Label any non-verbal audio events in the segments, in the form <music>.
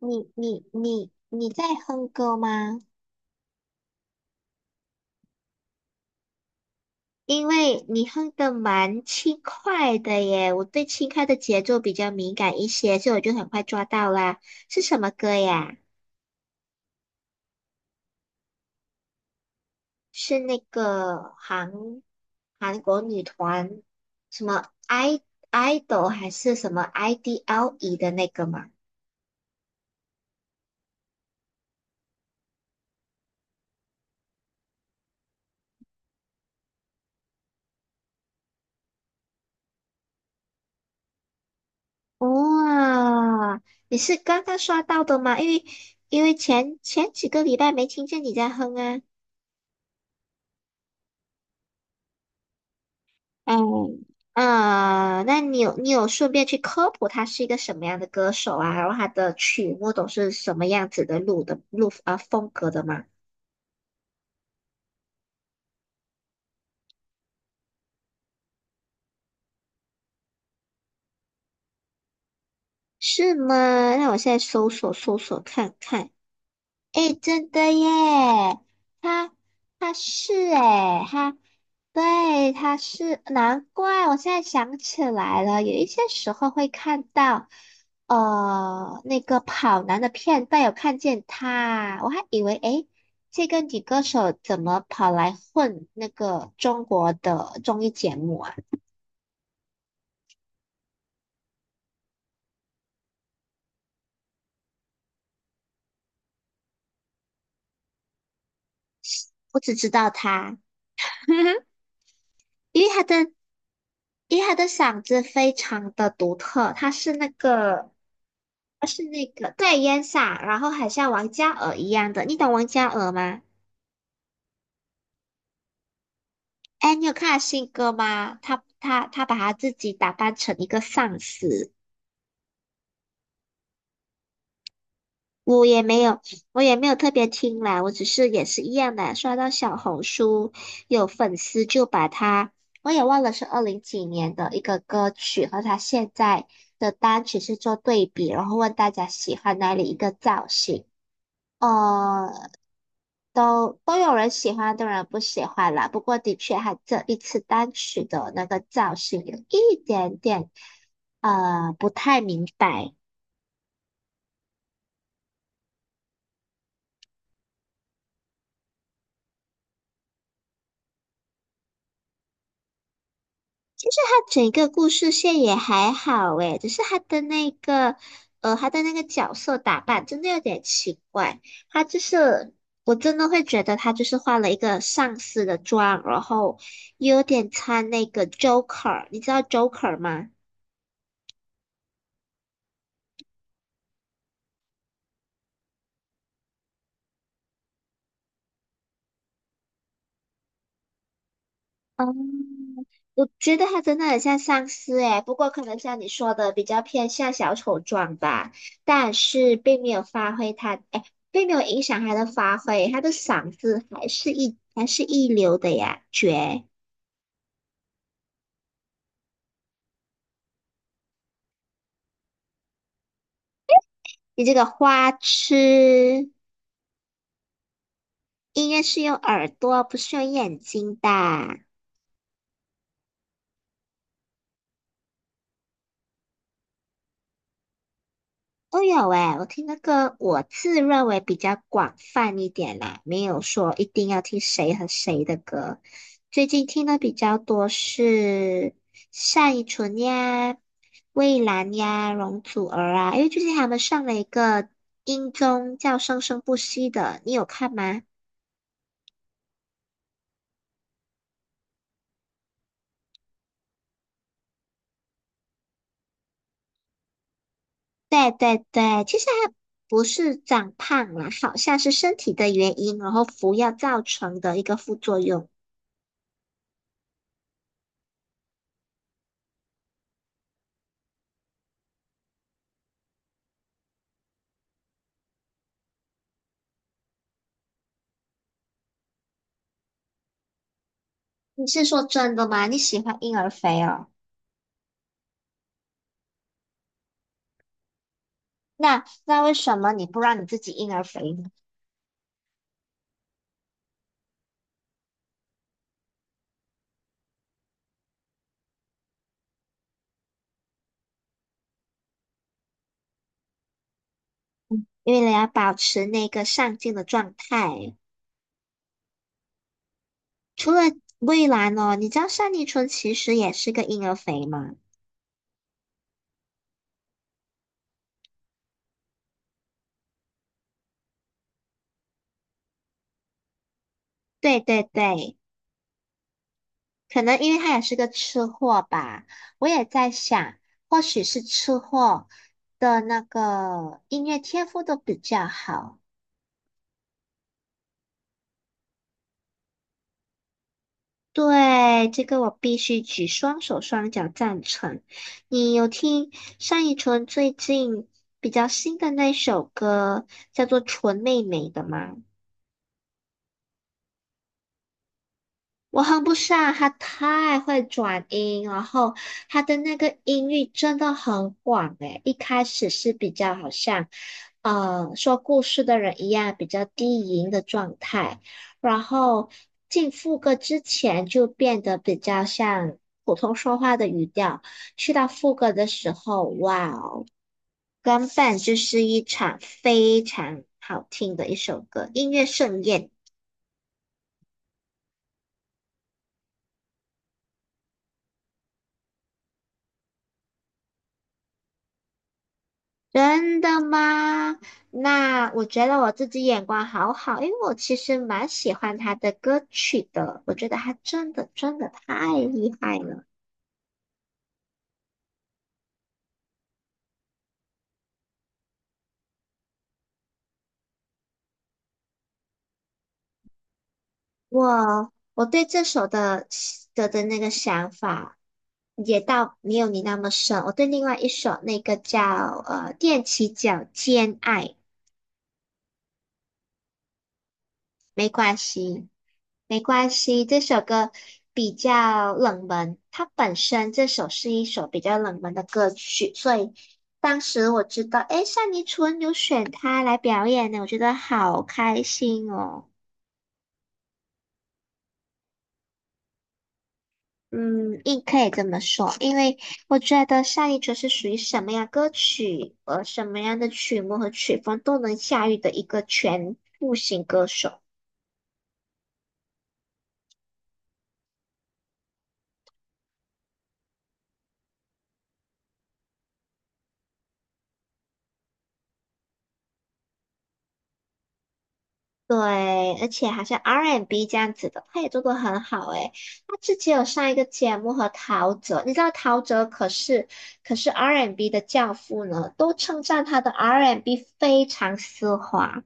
你在哼歌吗？因为你哼的蛮轻快的耶，我对轻快的节奏比较敏感一些，所以我就很快抓到啦。是什么歌呀？是那个韩国女团什么 idol 还是什么 IDLE 的那个吗？哇，你是刚刚刷到的吗？因为前几个礼拜没听见你在哼啊。哎，那你有顺便去科普他是一个什么样的歌手啊？然后他的曲目都是什么样子的录的录啊风格的吗？是吗？那我现在搜索搜索看看。诶，真的耶，他他是诶，他对他是，难怪我现在想起来了，有一些时候会看到，那个跑男的片段有看见他，我还以为哎诶，这个女歌手怎么跑来混那个中国的综艺节目啊？我只知道她。<laughs> 因为他的因为他的嗓子非常的独特，他是那个对烟嗓，然后很像王嘉尔一样的，你懂王嘉尔吗？哎，你有看他新歌吗？他把他自己打扮成一个丧尸，我也没有，我也没有特别听啦，我只是也是一样的，刷到小红书有粉丝就把他，我也忘了是二零几年的一个歌曲和他现在的单曲是做对比，然后问大家喜欢哪里一个造型。哦。都有人喜欢，都有人不喜欢啦。不过的确，他这一次单曲的那个造型有一点点不太明白。他整个故事线也还好诶，只是他的那个角色打扮真的有点奇怪。他就是我真的会觉得他就是换了一个上司的妆，然后也有点穿那个 Joker，你知道 Joker 吗？嗯。我觉得他真的很像丧尸诶，不过可能像你说的比较偏向小丑状吧，但是并没有发挥他，诶，并没有影响他的发挥，他的嗓子还是一流的呀，绝！你这个花痴，音乐是用耳朵，不是用眼睛的。都有诶，我听的歌我自认为比较广泛一点啦，没有说一定要听谁和谁的歌。最近听的比较多是单依纯呀、蔚蓝呀、容祖儿啊，因为最近他们上了一个音综叫《生生不息》的，你有看吗？对对对，其实还不是长胖啦，好像是身体的原因，然后服药造成的一个副作用。你是说真的吗？你喜欢婴儿肥哦？那为什么你不让你自己婴儿肥呢？因为你要保持那个上镜的状态。除了蔚蓝哦，你知道单立纯其实也是个婴儿肥吗？对对对，可能因为他也是个吃货吧。我也在想，或许是吃货的那个音乐天赋都比较好。对，这个我必须举双手双脚赞成。你有听单依纯最近比较新的那首歌叫做《纯妹妹》的吗？我哼不上，她太会转音，然后她的那个音域真的很广诶。一开始是比较好像。说故事的人一样比较低吟的状态，然后进副歌之前就变得比较像普通说话的语调，去到副歌的时候，哇哦，根本就是一场非常好听的一首歌，音乐盛宴。真的吗？那我觉得我自己眼光好好，因为我其实蛮喜欢他的歌曲的，我觉得他真的真的太厉害了。我对这首的那个想法也到没有你那么深。我对另外一首那个叫踮起脚尖爱，没关系，这首歌比较冷门，它本身这首是一首比较冷门的歌曲，所以当时我知道，诶，单依纯有选它来表演呢，我觉得好开心哦。嗯，亦可以这么说，因为我觉得上一纯是属于什么样歌曲和什么样的曲目和曲风都能驾驭的一个全复型歌手。对，而且好像 R&B N 这样子的，他也做得很好诶。他之前有上一个节目和陶喆，你知道陶喆可是 R&B N 的教父呢，都称赞他的 R&B N 非常丝滑，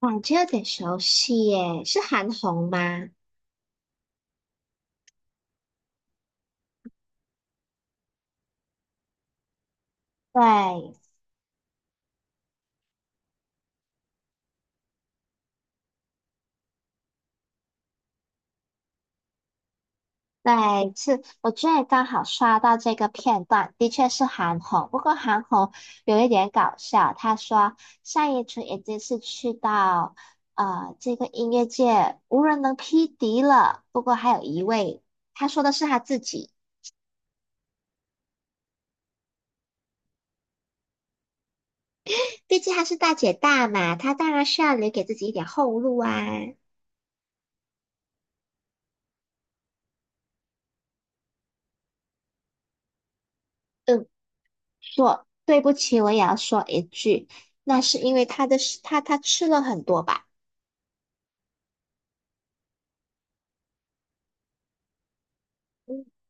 感觉有点熟悉耶，是韩红吗？对。对，是，我觉得刚好刷到这个片段，的确是韩红。不过韩红有一点搞笑，她说单依纯已经是去到这个音乐界无人能匹敌了。不过还有一位，她说的是她自己，毕竟她是大姐大嘛，她当然是要留给自己一点后路啊。嗯，对不起，我也要说一句，那是因为她的，她吃了很多吧。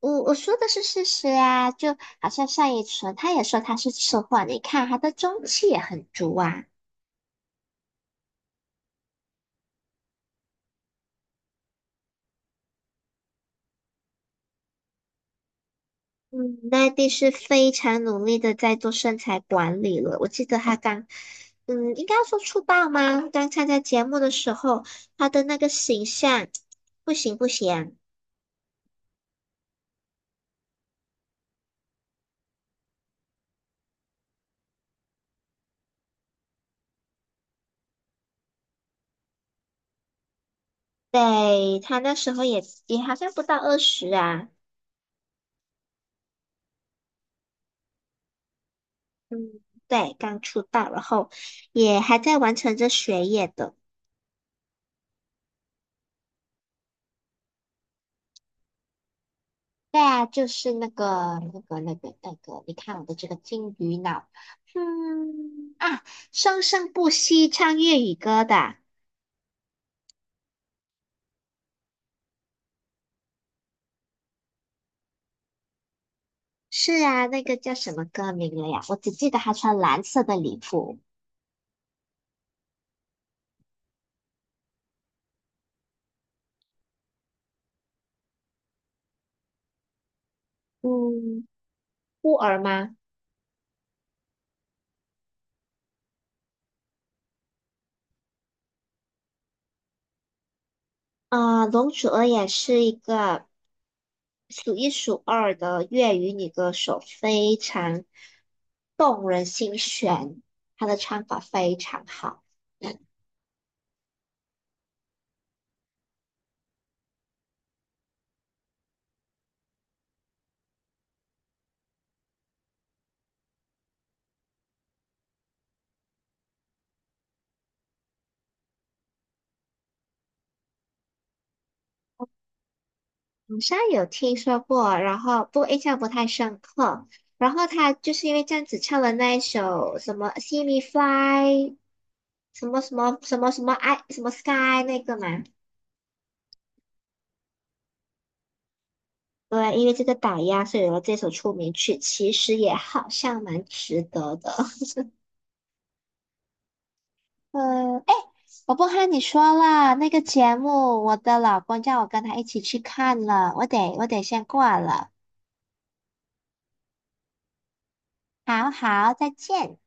我说的是事实啊，就好像单依纯，她也说她是吃货，你看她的中气也很足啊。嗯，奈地是非常努力的在做身材管理了。我记得他刚，应该要说出道吗？刚参加节目的时候，他的那个形象 <tsk> 不行不行，对，他那时候也好像不到20啊，嗯，对，刚出道，然后也还在完成着学业的。对啊，就是那个，你看我的这个金鱼脑，嗯啊，生生不息唱粤语歌的，是啊，那个叫什么歌名了呀？我只记得他穿蓝色的礼服，嗯，孤儿吗？啊、龙楚儿也是一个数一数二的粤语女歌手，非常动人心弦，她的唱法非常好。好像有听说过，然后不过印象不太深刻。然后他就是因为这样子唱了那一首什么《See Me Fly》，什么什么什么什么爱什么 Sky 那个嘛。对，因为这个打压，所以有了这首出名曲，其实也好像蛮值得的。呃，哎，我不和你说了，那个节目，我的老公叫我跟他一起去看了，我得先挂了。好好，再见。